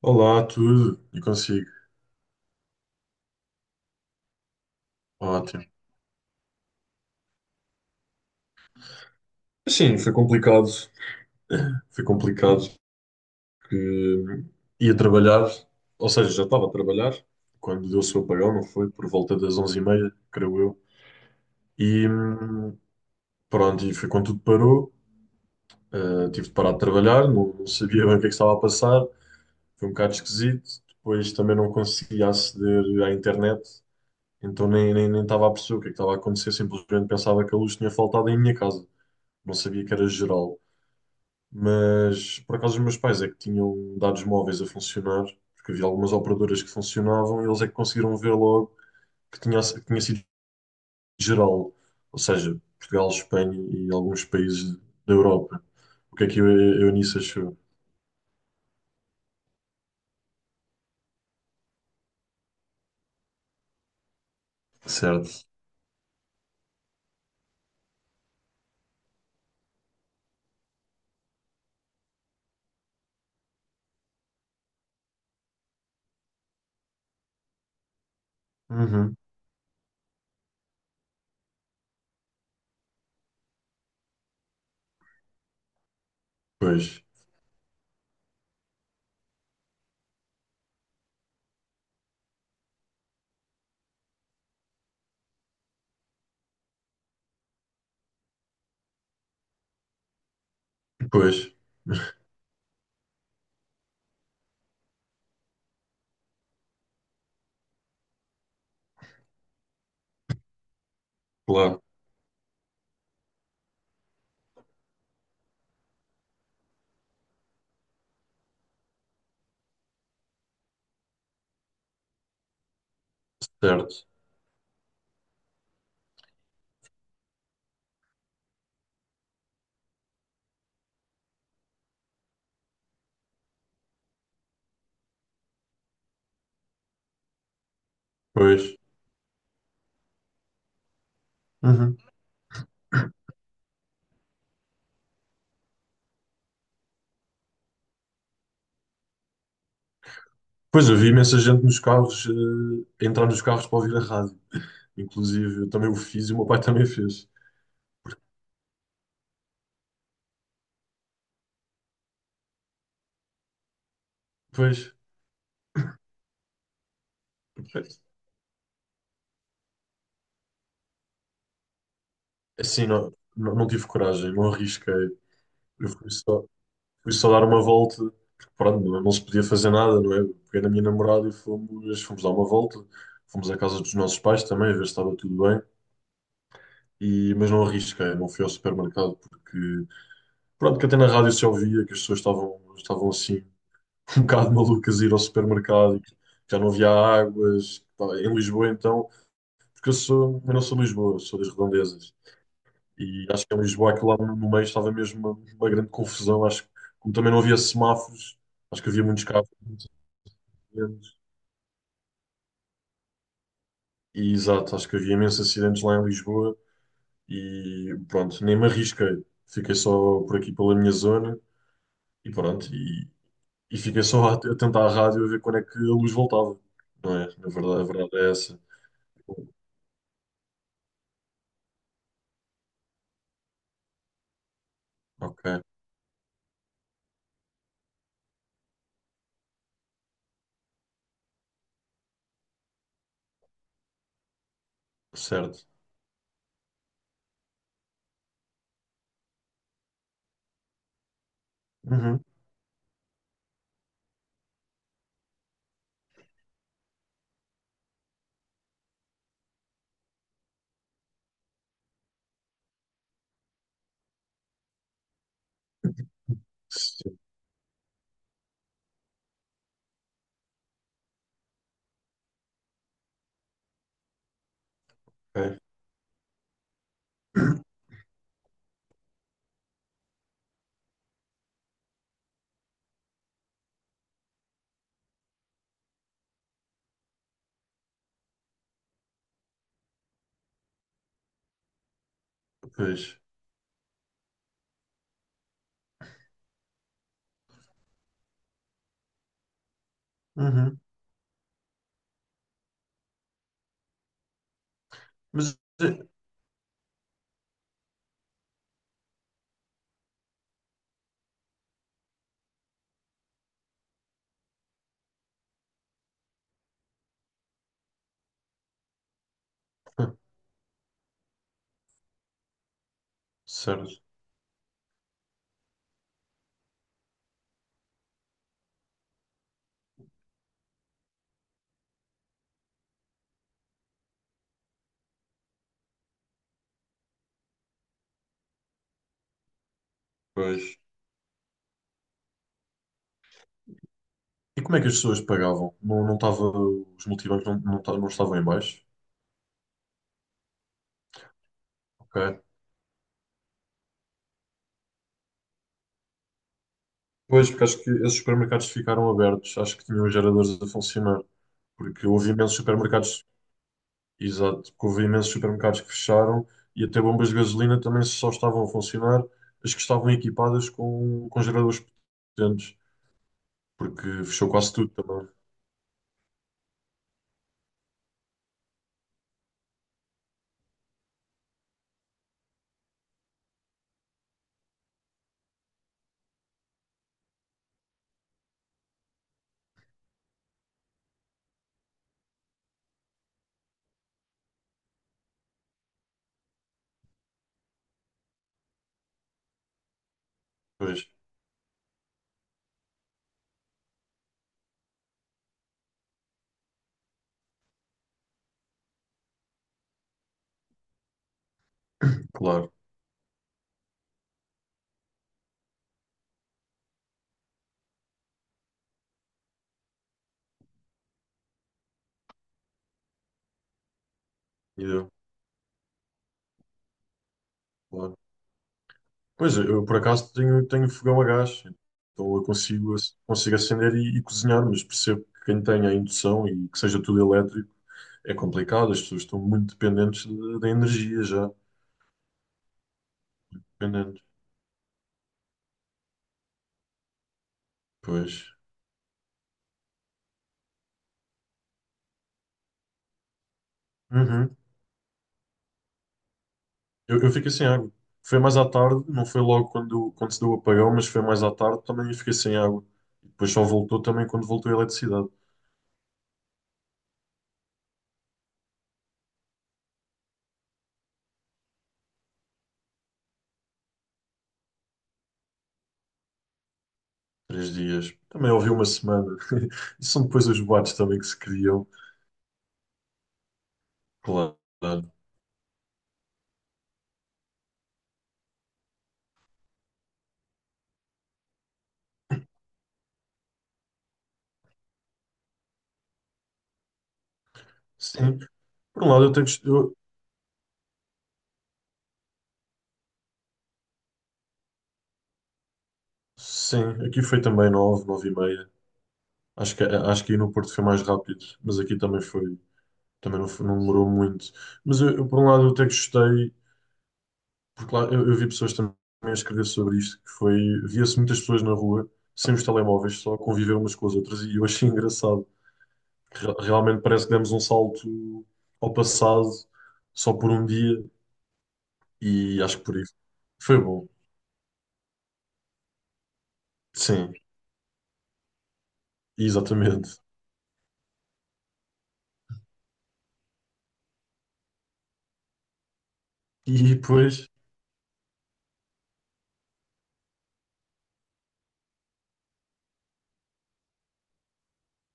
Olá, tudo? E consigo? Ótimo. Sim, foi complicado. Foi complicado porque ia trabalhar, ou seja, já estava a trabalhar quando deu o seu apagão, não foi? Por volta das 11h30, creio eu. E pronto, e foi quando tudo parou. Ah, tive de parar de trabalhar, não, não sabia bem o que é que estava a passar. Foi um bocado esquisito. Depois também não conseguia aceder à internet, então nem estava a perceber o que é que estava a acontecer. Simplesmente pensava que a luz tinha faltado em minha casa. Não sabia que era geral. Mas por acaso os meus pais é que tinham dados móveis a funcionar, porque havia algumas operadoras que funcionavam e eles é que conseguiram ver logo que tinha sido geral, ou seja, Portugal, Espanha e alguns países da Europa. O que é que a Eunice achou? Certo. Uhum. Pois, pois, claro, certo, pois. Uhum. Pois, eu vi imensa gente nos carros, eh, entrar nos carros para ouvir a rádio. Inclusive, eu também o fiz e o meu pai também fez. Pois, assim, não, não, não tive coragem, não arrisquei. Eu fui só, fui só dar uma volta, porque pronto, não, não se podia fazer nada, não é? Peguei na minha namorada e fomos, fomos dar uma volta. Fomos à casa dos nossos pais também, a ver se estava tudo bem. E, mas não arrisquei, não fui ao supermercado, porque pronto, que até na rádio se ouvia que as pessoas estavam, estavam assim, um bocado malucas a ir ao supermercado e que já não havia águas. Pá, em Lisboa, então, porque eu sou, eu não sou de Lisboa, sou das redondezas. E acho que em Lisboa, aquilo lá no meio estava mesmo uma grande confusão. Acho que, como também não havia semáforos, acho que havia muitos carros, muitos acidentes. E exato, acho que havia imensos acidentes lá em Lisboa. E pronto, nem me arrisquei. Fiquei só por aqui pela minha zona e pronto. E fiquei só a tentar a rádio a ver quando é que a luz voltava. Não é? Na verdade, a verdade é essa. Ok, certo. Uhum. Sim, ok. Pois. Uhum. Mas. é- ah, certo. Pois. E como é que as pessoas pagavam? Não, não estava, os multibancos não, não estavam em baixo? Ok. Pois, porque acho que esses supermercados ficaram abertos, acho que tinham os geradores a funcionar, porque houve imensos supermercados, exato, porque houve imensos supermercados que fecharam e até bombas de gasolina também só estavam a funcionar as que estavam equipadas com geradores potentes, porque fechou quase tudo também. Pois, claro. E deu, claro. Pois, eu por acaso tenho, tenho fogão a gás, então eu consigo, consigo acender e cozinhar, mas percebo que quem tenha a indução e que seja tudo elétrico é complicado, as pessoas estão muito dependentes da energia já, dependentes. Pois. Uhum. Eu fiquei sem água. Foi mais à tarde, não foi logo quando, quando se deu o apagão, mas foi mais à tarde também eu fiquei sem água. E depois só voltou também quando voltou a eletricidade. 3 dias. Também ouvi uma semana. E são depois os boatos também que se criam. Claro. Sim. Por um lado, eu tenho que. Eu, sim, aqui foi também 9 9 e meia. Acho que aí no Porto foi mais rápido, mas aqui também foi. Também não, não demorou muito. Mas eu, por um lado, eu até gostei, porque lá eu vi pessoas também a escrever sobre isto, que foi. Via-se muitas pessoas na rua, sem os telemóveis, só a conviver umas com as outras, e eu achei engraçado. Realmente parece que demos um salto ao passado só por um dia, e acho que por isso foi bom. Sim, exatamente. E depois.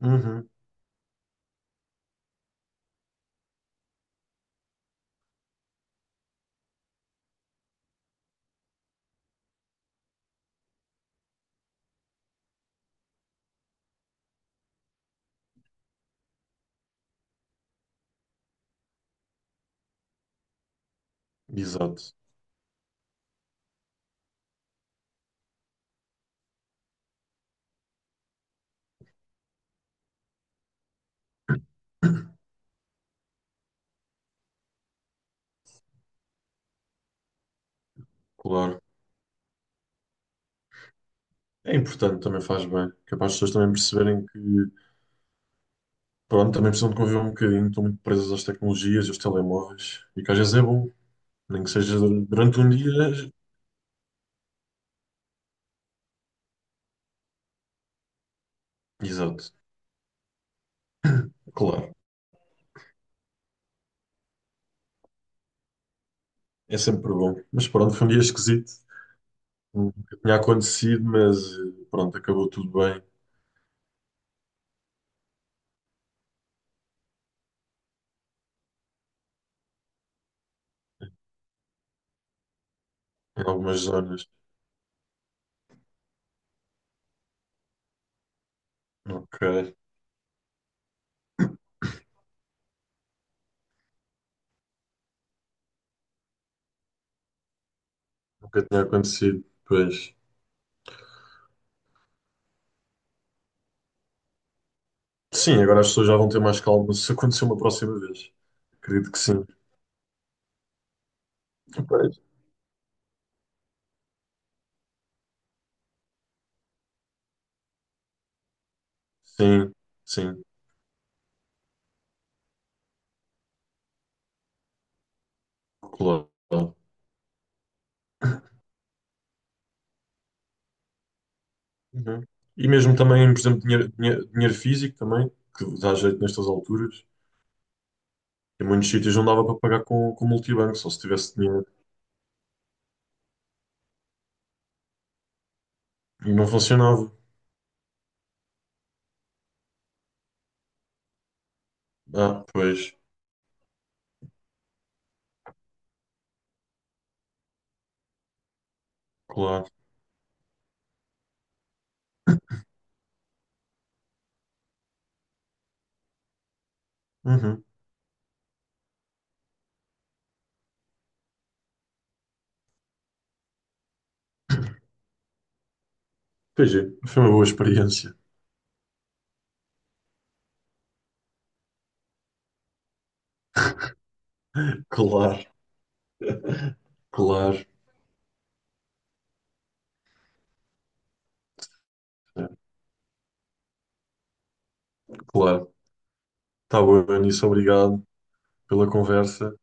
Uhum, exato. Claro. É importante, também faz bem. Capaz as pessoas também perceberem que, pronto, também precisam de conviver um bocadinho, estão muito presas às tecnologias, aos telemóveis, e que às vezes é bom, nem que seja durante um dia. Exato, claro. É sempre bom. Mas pronto, foi um dia esquisito. Nunca tinha acontecido, mas eh, pronto, acabou tudo bem em algumas zonas. Ok, nunca tinha acontecido. Pois. Sim, agora as pessoas já vão ter mais calma se acontecer uma próxima vez. Acredito que sim. Pois. Sim, sim, claro. Uhum. E mesmo também, por exemplo, dinheiro, dinheiro físico também, que dá jeito nestas alturas. Em muitos sítios não dava para pagar com multibanco, só se tivesse dinheiro. E não funcionava. Ah, pois, claro. Uhum. Pois é, foi uma boa experiência. Claro, claro, é, claro. Está bom, Anísio, obrigado pela conversa.